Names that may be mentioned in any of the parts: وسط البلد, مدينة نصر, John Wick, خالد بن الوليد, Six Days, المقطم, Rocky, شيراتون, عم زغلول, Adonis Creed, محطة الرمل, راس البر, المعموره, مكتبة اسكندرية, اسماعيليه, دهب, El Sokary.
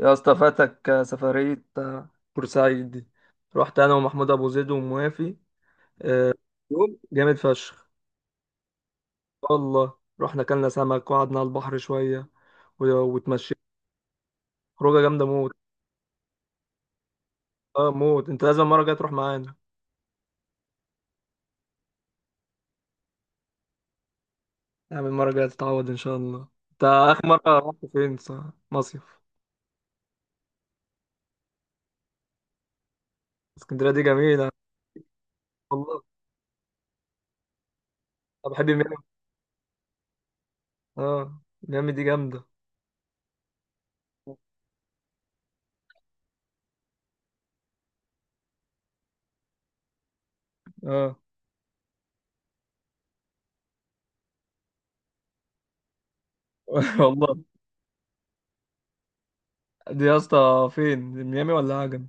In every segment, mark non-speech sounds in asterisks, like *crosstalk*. يا اسطى، فاتك سفرية بورسعيد دي. رحت انا ومحمود ابو زيد وموافي آه، يوم جامد فشخ. والله رحنا كلنا سمك وقعدنا على البحر شوية و- واتمشينا. خروجة جامدة موت. اه موت، انت لازم المرة الجاية تروح معانا. يعني المرة الجاية تتعود ان شاء الله. انت اخر مرة رحت فين صح؟ مصيف. اسكندرية دي جميلة. والله، انا بحب ميامي. اه، ميامي دي جامدة. اه. *laughs* والله، دي يا اسطى فين؟ ميامي ولا عجم؟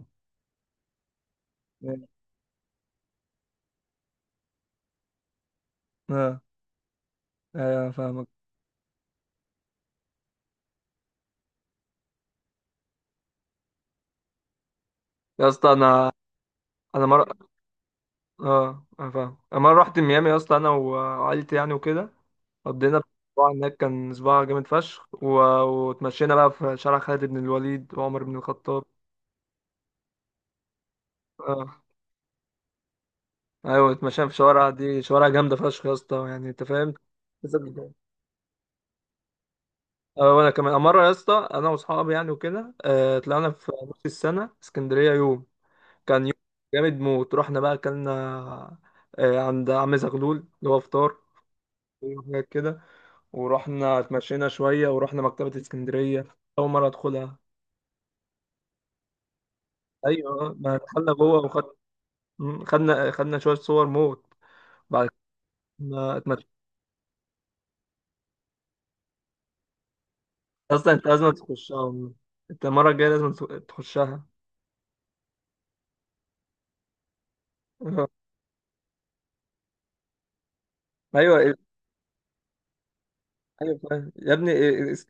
اه، ايوه فاهم. يا اسطى، انا مره. اه، انا فاهم. انا مره رحت ميامي يا اسطى، انا وعائلتي يعني وكده، قضينا اسبوع هناك. كان اسبوع جامد فشخ واتمشينا بقى في شارع خالد بن الوليد وعمر بن الخطاب. اه، ايوه، اتمشينا في شوارع دي، شوارع جامده فشخ يا اسطى، يعني انت فاهم. بالظبط. اه، وانا كمان مره يا اسطى، انا واصحابي يعني وكده، طلعنا في نص السنه اسكندريه يوم. كان يوم جامد موت. رحنا بقى اكلنا عند عم زغلول اللي هو فطار، وحاجات كده. ورحنا اتمشينا شوية، ورحنا مكتبة اسكندرية أول مرة أدخلها. أيوة، ما دخلنا جوه وخد، خدنا شوية صور موت. بعد ما اتمشينا. أصلا أنت لازم تخشها. أنت المرة الجاية لازم تخشها. *laughs* آه. أيوة، أيوة فاهم. يا ابني إيه، إس-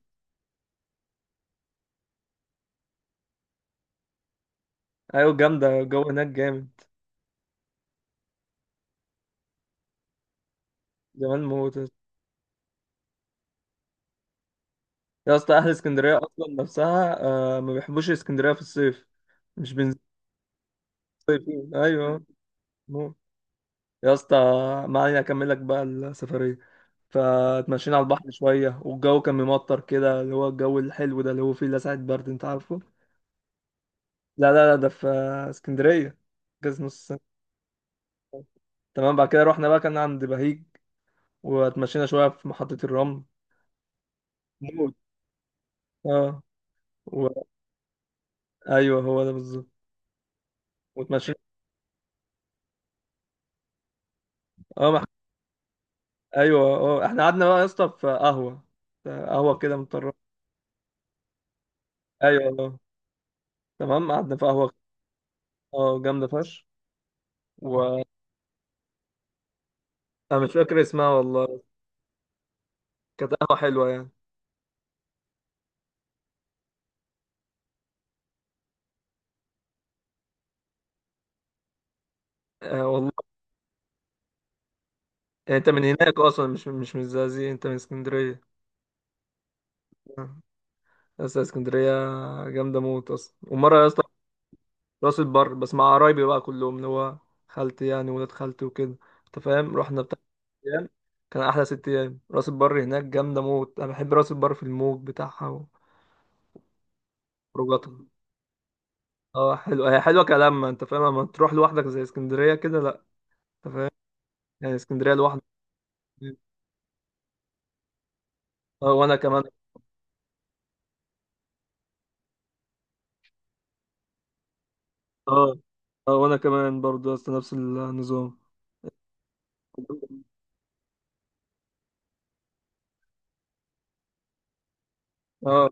أيوة، جامدة الجو هناك جامد. جمال موت. يا اسطى، أهل اسكندرية أصلا نفسها ما بيحبوش اسكندرية في الصيف، مش بينزلوا. صيفين، أيوة موت. يا اسطى، ما علينا، أكمل لك بقى السفرية. فتمشينا على البحر شوية، والجو كان ممطر كده اللي هو الجو الحلو ده اللي هو فيه لسعة برد، انت عارفه. لا، لا، لا، ده في اسكندرية، جاز نص سنة. تمام، بعد كده رحنا بقى كان عند بهيج، واتمشينا شوية في محطة الرمل. موت. اه و... ايوه هو ده بالظبط. واتمشينا. اه ايوه. اه، احنا قعدنا بقى يا اسطى في قهوة، في قهوة كده مضطرة. ايوه، اه، تمام. قعدنا في قهوة اه جامدة فشخ. و انا مش فاكر اسمها والله. كانت قهوة حلوة يعني. والله، يعني انت من هناك اصلا؟ مش من الزقازيق، انت من اسكندريه؟ آه. بس اسكندريه جامده موت اصلا. ومره يا اسطى، راس البر، بس مع قرايبي بقى كلهم اللي هو خالتي يعني، ولاد خالتي وكده، انت فاهم، رحنا بتاع 6 ايام. كان احلى 6 ايام، راس البر هناك جامده موت. انا بحب راس البر في الموج بتاعها وخروجاتها. اه، حلوه هي حلوه كلامها، انت فاهم، اما تروح لوحدك زي اسكندريه كده لا. انت فاهم؟ يعني اسكندريه لوحدك. اه، وانا كمان. اه اه، وانا كمان برضه يا اسطى نفس النظام. اه،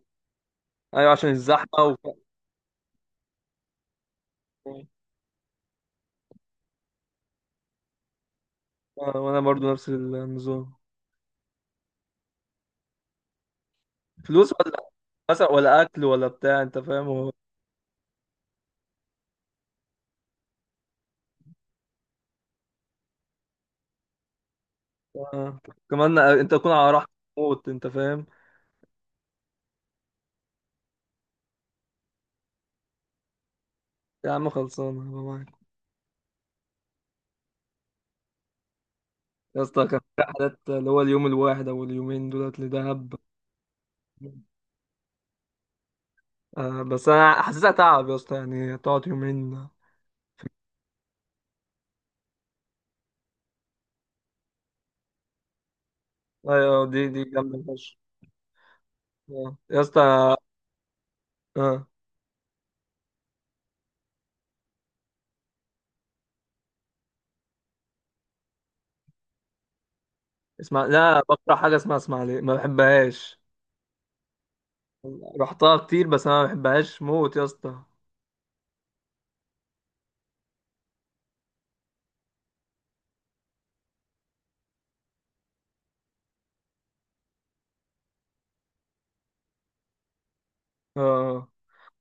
ايوه عشان الزحمه وانا برضو نفس النظام. فلوس، ولا مثلا ولا اكل ولا بتاع، انت فاهم هو. آه. كمان انت تكون على راحه موت. انت فاهم. يا عم خلصانه، أنا معاك. يا اسطى، كان في حالات اللي هو اليوم الواحد او اليومين دولت لدهب. بس انا حاسسها تعب يا اسطى، يعني تقعد يومين. ايوه، دي جامده فشخ. آه. يا اسطى. آه. اسمع، لا، بكره حاجه اسمها اسماعيليه ما بحبهاش. رحتها كتير بس انا ما بحبهاش موت يا اسطى. اه،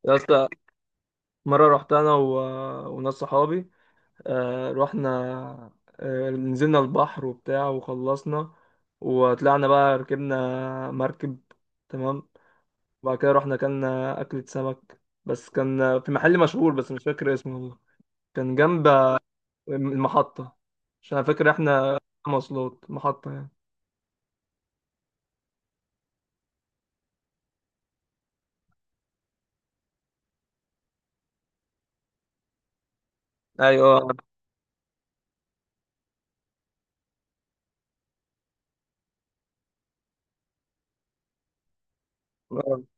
يا اسطى، مرة رحت انا وناس صحابي. رحنا، نزلنا البحر وبتاع وخلصنا، وطلعنا بقى ركبنا مركب. تمام. وبعد كده رحنا اكلنا أكلة سمك، بس كان في محل مشهور بس مش فاكر اسمه والله. كان جنب المحطة، عشان أنا فاكر احنا مواصلات محطة يعني. ايوه، أيوة،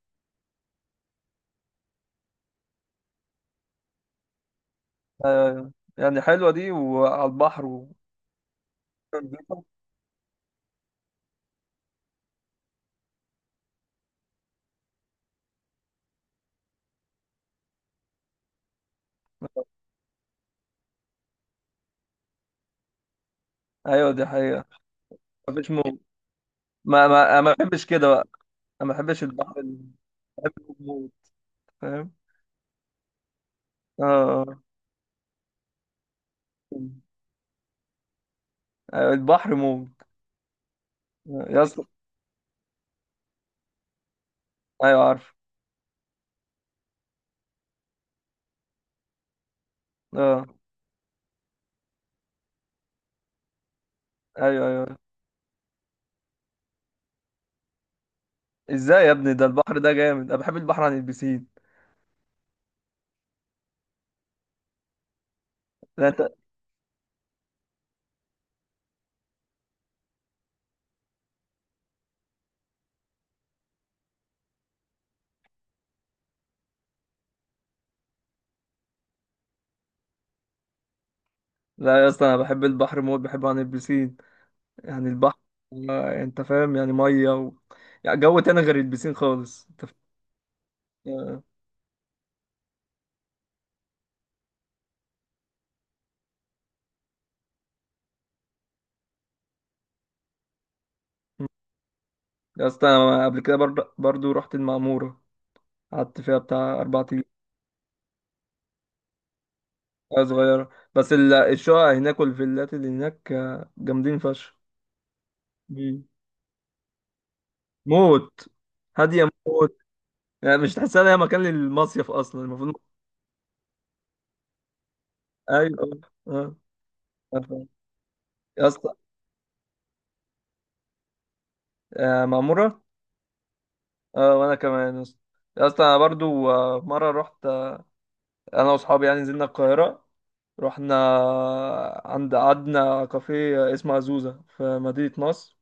أيوة. يعني حلوه دي وعلى البحر ايوه دي حقيقه، مفيش موج. ما أنا ما بحبش كده بقى. انا ما بحبش البحر بحب الموج، فاهم. اه. آه. البحر موج. يا اسطى، ايوه عارف. اه، ايوه، ايوه. ازاي يا ابني؟ ده البحر ده جامد، انا بحب البحر عن البسين. لا انت. لا يا اسطى، انا بحب البحر موت، بحبه عن البسين. يعني البحر، انت فاهم، يعني ميه يعني جو تاني غير البسين خالص، انت فاهم؟ آه. يا اسطى، انا قبل كده برضه برضه رحت المعموره. قعدت فيها بتاع اربع. صغيرة. بس الشقق هناك والفيلات اللي هناك، جامدين فشخ. مم. موت. هادية موت. يعني مش تحسها إن هي مكان للمصيف أصلا المفروض. أيوة. آه. آه. آه. يا اسطى. معمورة. وأنا كمان يا اسطى. يا اسطى، أنا برضو مرة رحت. أنا وأصحابي يعني نزلنا القاهرة، رحنا عند قعدنا كافيه اسمه عزوزة في مدينة نصر.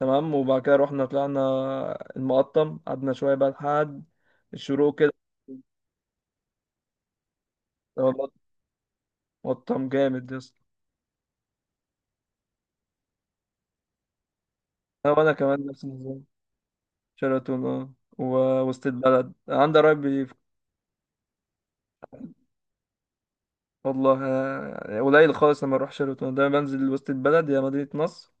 تمام. وبعد كده رحنا طلعنا المقطم، قعدنا شوية بقى لحد الشروق كده. لا والله، مطعم جامد يا اسطى. لا، وانا كمان نفس النظام. شيراتون اه وسط البلد عندي قرايب بي- والله، قليل خالص لما اروح شيراتون ده، بنزل وسط البلد يا مدينة نصر.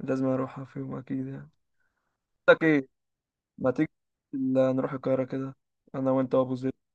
لازم اروحها في يوم اكيد يعني. لك ايه؟ ما تيجي نروح القاهرة كده، انا وانت وابو زيد.